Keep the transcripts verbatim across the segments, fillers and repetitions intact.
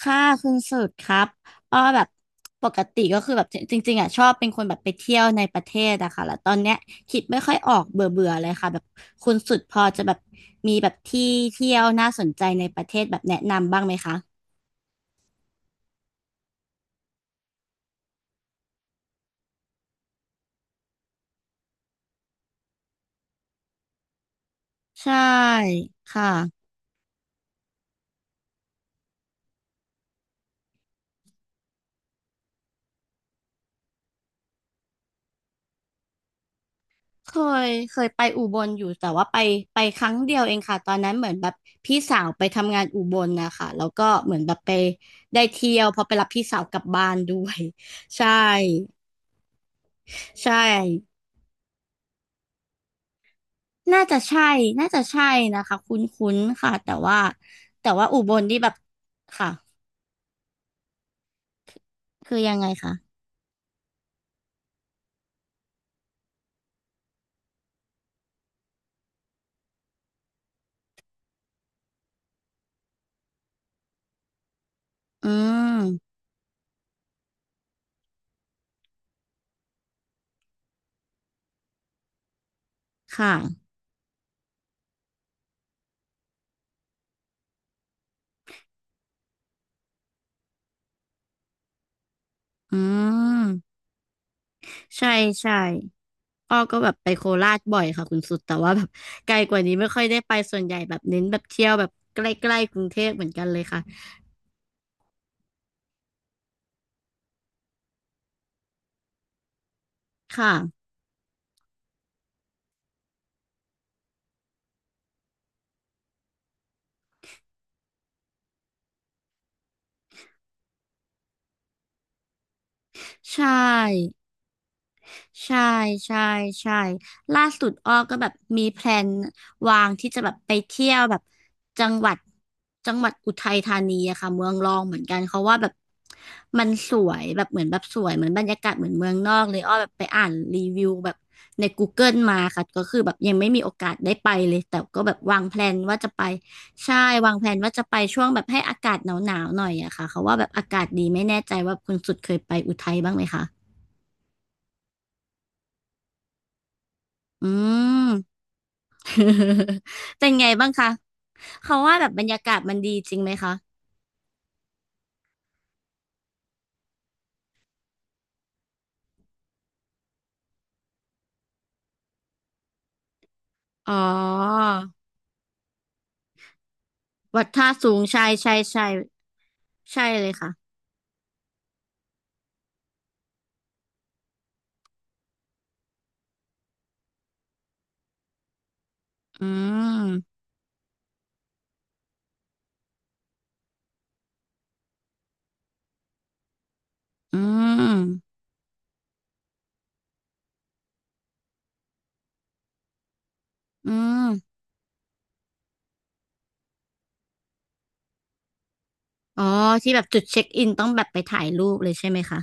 ค่ะคุณสุดครับอ้อแบบปกติก็คือแบบจริงๆอ่ะชอบเป็นคนแบบไปเที่ยวในประเทศอะค่ะแล้วตอนเนี้ยคิดไม่ค่อยออกเบื่อเบื่อเลยค่ะแบบคุณสุดพอจะแบบมีแบบที่เที่ยวน่าสนใจในประเทศแบบแนะนำบ้างไหมคะใช่ค่ะเคยเคยไปอุบลอยู่แต่ว่าไปไปครั้งเดียวเองค่ะตอนนั้นเหมือนแบบพี่สาวไปทำงานอุบลนะคะแล้วก็เหมือนแบบไปได้เที่ยวพอไปรับพี่สาวกลับบ้านด้วย ใช่ใช่ น่าจะใช่น่าจะใช่นะคะคุ้นๆค่ะแต่ว่าแต่ว่าอุบลนี่แบบค่ะคือยังไงคะอืมค่ะอืมใช่ใช่อ้อก็แบบไปโคราชบ่อยค่ะคุณสุดแต่ว่าแบบไกลกว่านี้ไม่ค่อยได้ไปส่วนใหญ่แบบเน้นแบบเที่ยวแบบใกล้ๆกรุงเทพเหมือนกันเลยค่ะค่ะใช่ ใช่ใช่ใช่ล่าสุดอ้อก็แบบมีแพลนวางที่จะแบบไปเที่ยวแบบจังหวัดจังหวัดอุทัยธานีอะค่ะเมืองรองเหมือนกันเขาว่าแบบมันสวยแบบเหมือนแบบสวยเหมือนบรรยากาศเหมือนเมืองนอกเลยอ้อแบบไปอ่านรีวิวแบบใน กูเกิล มาค่ะก็คือแบบยังไม่มีโอกาสได้ไปเลยแต่ก็แบบวางแพลนว่าจะไปใช่วางแพลนว่าจะไปช่วงแบบให้อากาศหนาวๆหน่อยอะค่ะเขาว่าแบบอากาศดีไม่แน่ใจว่าคุณสุดเคยไปอุทัยบ้างไหมคะอืม เป็นไงบ้างคะเขาว่าแบบบรรยากาศมันดีจริงไหมคะ อ๋อวัดท่าสูงใช่ใช่ใช่ใช่เลยค่ะอืมอืมอืมอ๋อที่แบบจุดเช็คอินต้องแบบไปถ่ายรูปเลยใช่ไหมคะ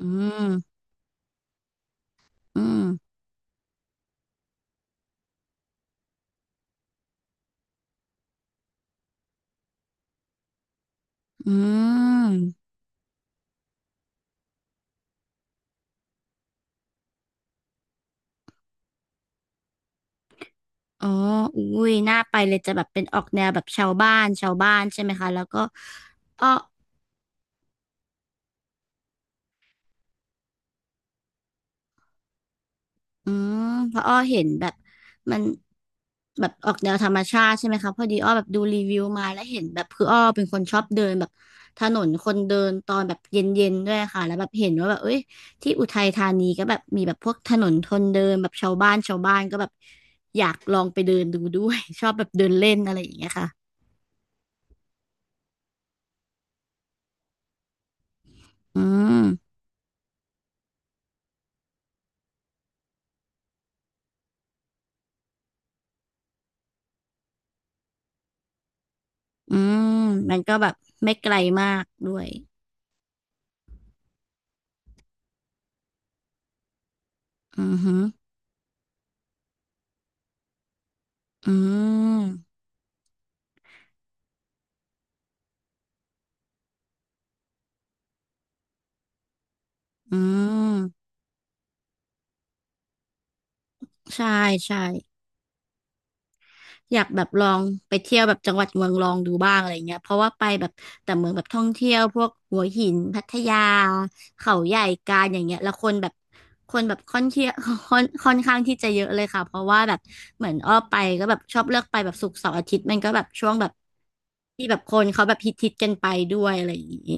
อืมอืมอืมอ๋ออุ้ยน่าไปเลยจะแบบเป็นออกแนวแบบชาวบ้านชาวบ้านใช่ไหมคะแล้วก็อ้อ อืมเพราะอ้อเห็นแบบมันแบบออกแนวธรรมชาติใช่ไหมคะพอดีอ้อแบบดูรีวิวมาแล้วเห็นแบบคืออ้อเป็นคนชอบเดินแบบถนนคนเดินตอนแบบเย็นๆด้วยค่ะแล้วแบบเห็นว่าแบบเอ้ยที่อุทัยธานีก็แบบมีแบบพวกถนนคนเดินแบบชาวบ้านชาวบ้านก็แบบอยากลองไปเดินดูด้วย ชอบแบบเดินเล่นอะไรอย่างเงี้ยค่ะอืมอืมมันก็แบบไม่ไกลมากด้วยอือหืออืมอืมใช่ใช่ อยากแบบลองไปเที่ยวแบบจังหวัดเมืองรองดูบ้างอะไรเงี้ยเพราะว่าไปแบบแต่เมืองแบบท่องเที่ยวพวกหัวหินพัทยาเขาใหญ่กาญอย่างเงี้ยแล้วคนแบบคนแบบค่อนเที่ยว ค่อนค่อนข้างที่จะเยอะเลยค่ะเพราะว่าแบบเหมือนอ้อไปก็แบบชอบเลือกไปแบบศุกร์เสาร์อาทิตย์มันก็แบบช่วงแบบที่แบบคนเขาแบบฮิตฮิตกันไปด้วยอะไรอย่างงี้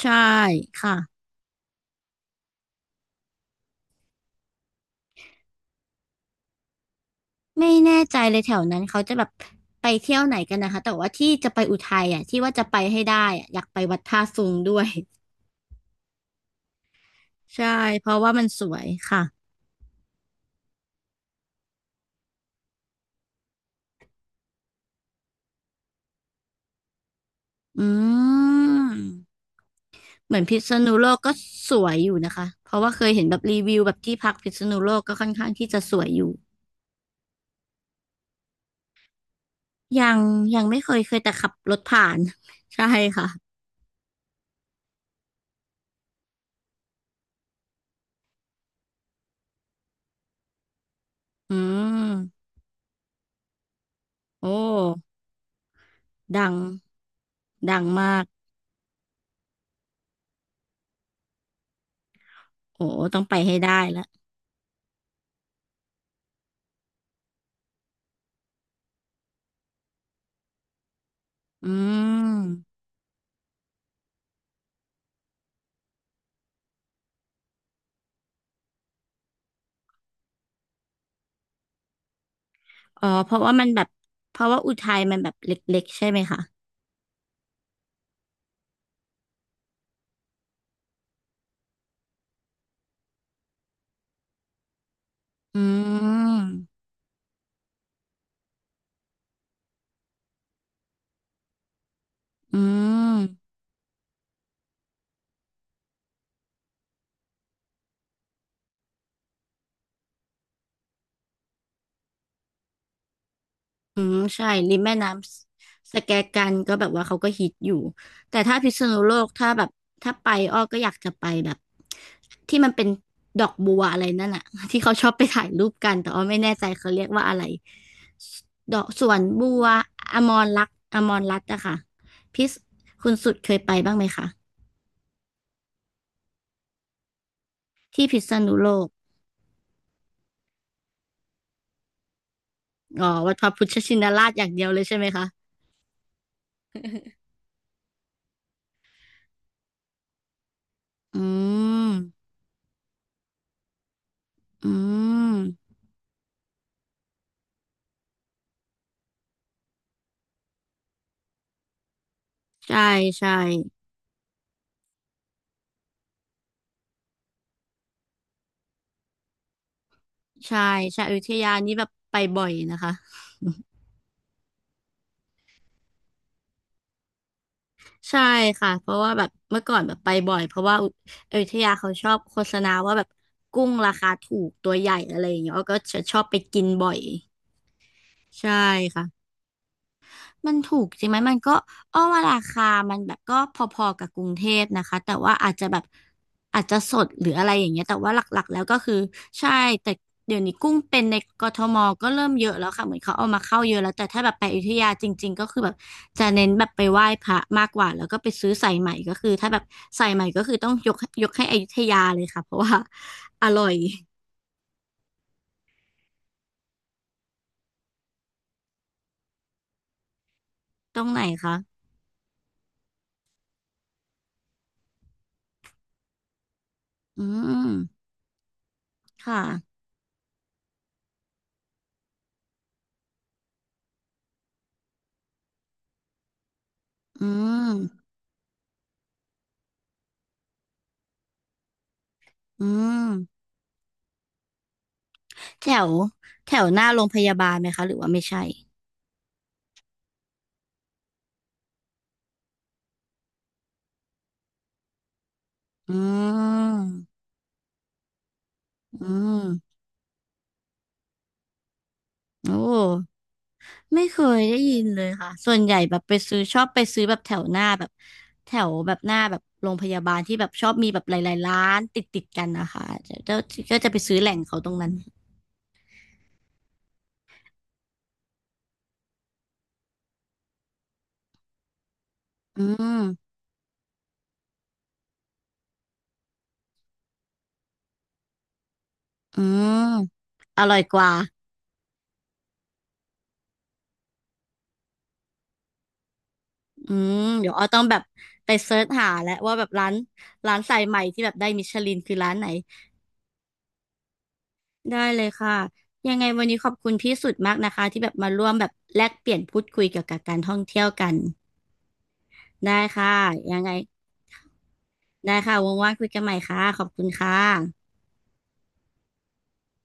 ใช่ค่ะไม่แน่ใจเลยแถวนั้นเขาจะแบบไปเที่ยวไหนกันนะคะแต่ว่าที่จะไปอุทัยอ่ะที่ว่าจะไปให้ได้อ่ะอยากไปวัดท่าซุงด้วย ใช่เพราะว่ามันสวยค่ะอืมเหมือนพิษณุโลกก็สวยอยู่นะคะเพราะว่าเคยเห็นแบบรีวิวแบบที่พักพิษณุโลกก็ค่อนข้างที่จะสวยอยู่ยังยังไม่เคยเคยแต่ขับรถผ่าน ใช่ค่ะอืมโอ้ดังดังมากโอ้ต้องไปให้ได้ละอืมอ๋อเพราะว่ามันแบบเพราะว่าอุทัยมันแบบเล็กๆใช่ไหมคะอืมอืม อืมใช่ริมแม่น้ำสแกกันก็แบบว่าเขาก็ฮิตอยู่แต่ถ้าพิษณุโลกถ้าแบบถ้าไปอ้อก็อยากจะไปแบบที่มันเป็นดอกบัวอะไรนั่นอะ ที่เขาชอบไปถ่ายรูปกันแต่อ้อไม่แน่ใจเขาเรียกว่าอะไรดอกสวนบัวอมรรัตน์อมรรัตน์อะค่ะพิษคุณสุดเคยไปบ้างไหมคะที่พิษณุโลกอ๋อวัดพระพุทธชินราชอย่างเดียวเลยใช่ไหมคะอืมอืมใช่ใช่ ใช่ใช่อยุธยานี่แบบไปบ่อยนะคะใช่ค่ะเพราะว่าแบบเมื่อก่อนแบบไปบ่อยเพราะว่าอุอยุธยาเขาชอบโฆษณาว่าแบบกุ้งราคาถูกตัวใหญ่อะไรอย่างเงี้ยอ้อก็จะชอบไปกินบ่อยใช่ค่ะ มันถูกจริงไหมมันก็อ้อว่าราคามันแบบก็พอๆกับกรุงเทพนะคะแต่ว่าอาจจะแบบอาจจะสดหรืออะไรอย่างเงี้ยแต่ว่าหลักๆแล้วก็คือใช่แต่เดี๋ยวนี้กุ้งเป็นในกทมก็เริ่มเยอะแล้วค่ะเหมือนเขาเอามาเข้าเยอะแล้วแต่ถ้าแบบไปอยุธยาจริงๆก็คือแบบจะเน้นแบบไปไหว้พระมากกว่าแล้วก็ไปซื้อสายใหม่ก็คือถ้าแบบสายใหม่ก็คือต้องยกยกให้อยุธยาเลยค่ะเพราะว่าอร่อยตรงไหนคะอืมค่ะอืมอืม แถวแถวหน้าโรงพยาบาลไหมคะหรือว่าไม่ใช่อืมอืมโอ้ไม่เคยได้ยินเลยค่ะ ส่วนใหญ่แบบไปซื้อชอบไปซื้อแบบแถวหน้าแบบแถวแบบหน้าแบบโรงพยาบาลที่แบบชอบมีแบบหลายๆร้านติดติดกันนะคะจะจะก็จะไปซื้อแหล่งเขาตรงนั้นอืมอืมอร่อยกว่าอืมเดี๋ยวอ้อต้องแบบไปเซิร์ชหาแล้วว่าแบบร้านร้านสายใหม่ที่แบบได้มิชลินคือร้านไหน ได้เลยค่ะยังไงวันนี้ขอบคุณพี่สุดมากนะคะที่แบบมาร่วมแบบแลกเปลี่ยนพูดคุยเกี่ยวกับการท่องเที่ยวกันได้ค่ะยังไงได้ค่ะว่างๆคุยกันใหม่ค่ะขอบคุณค่ะ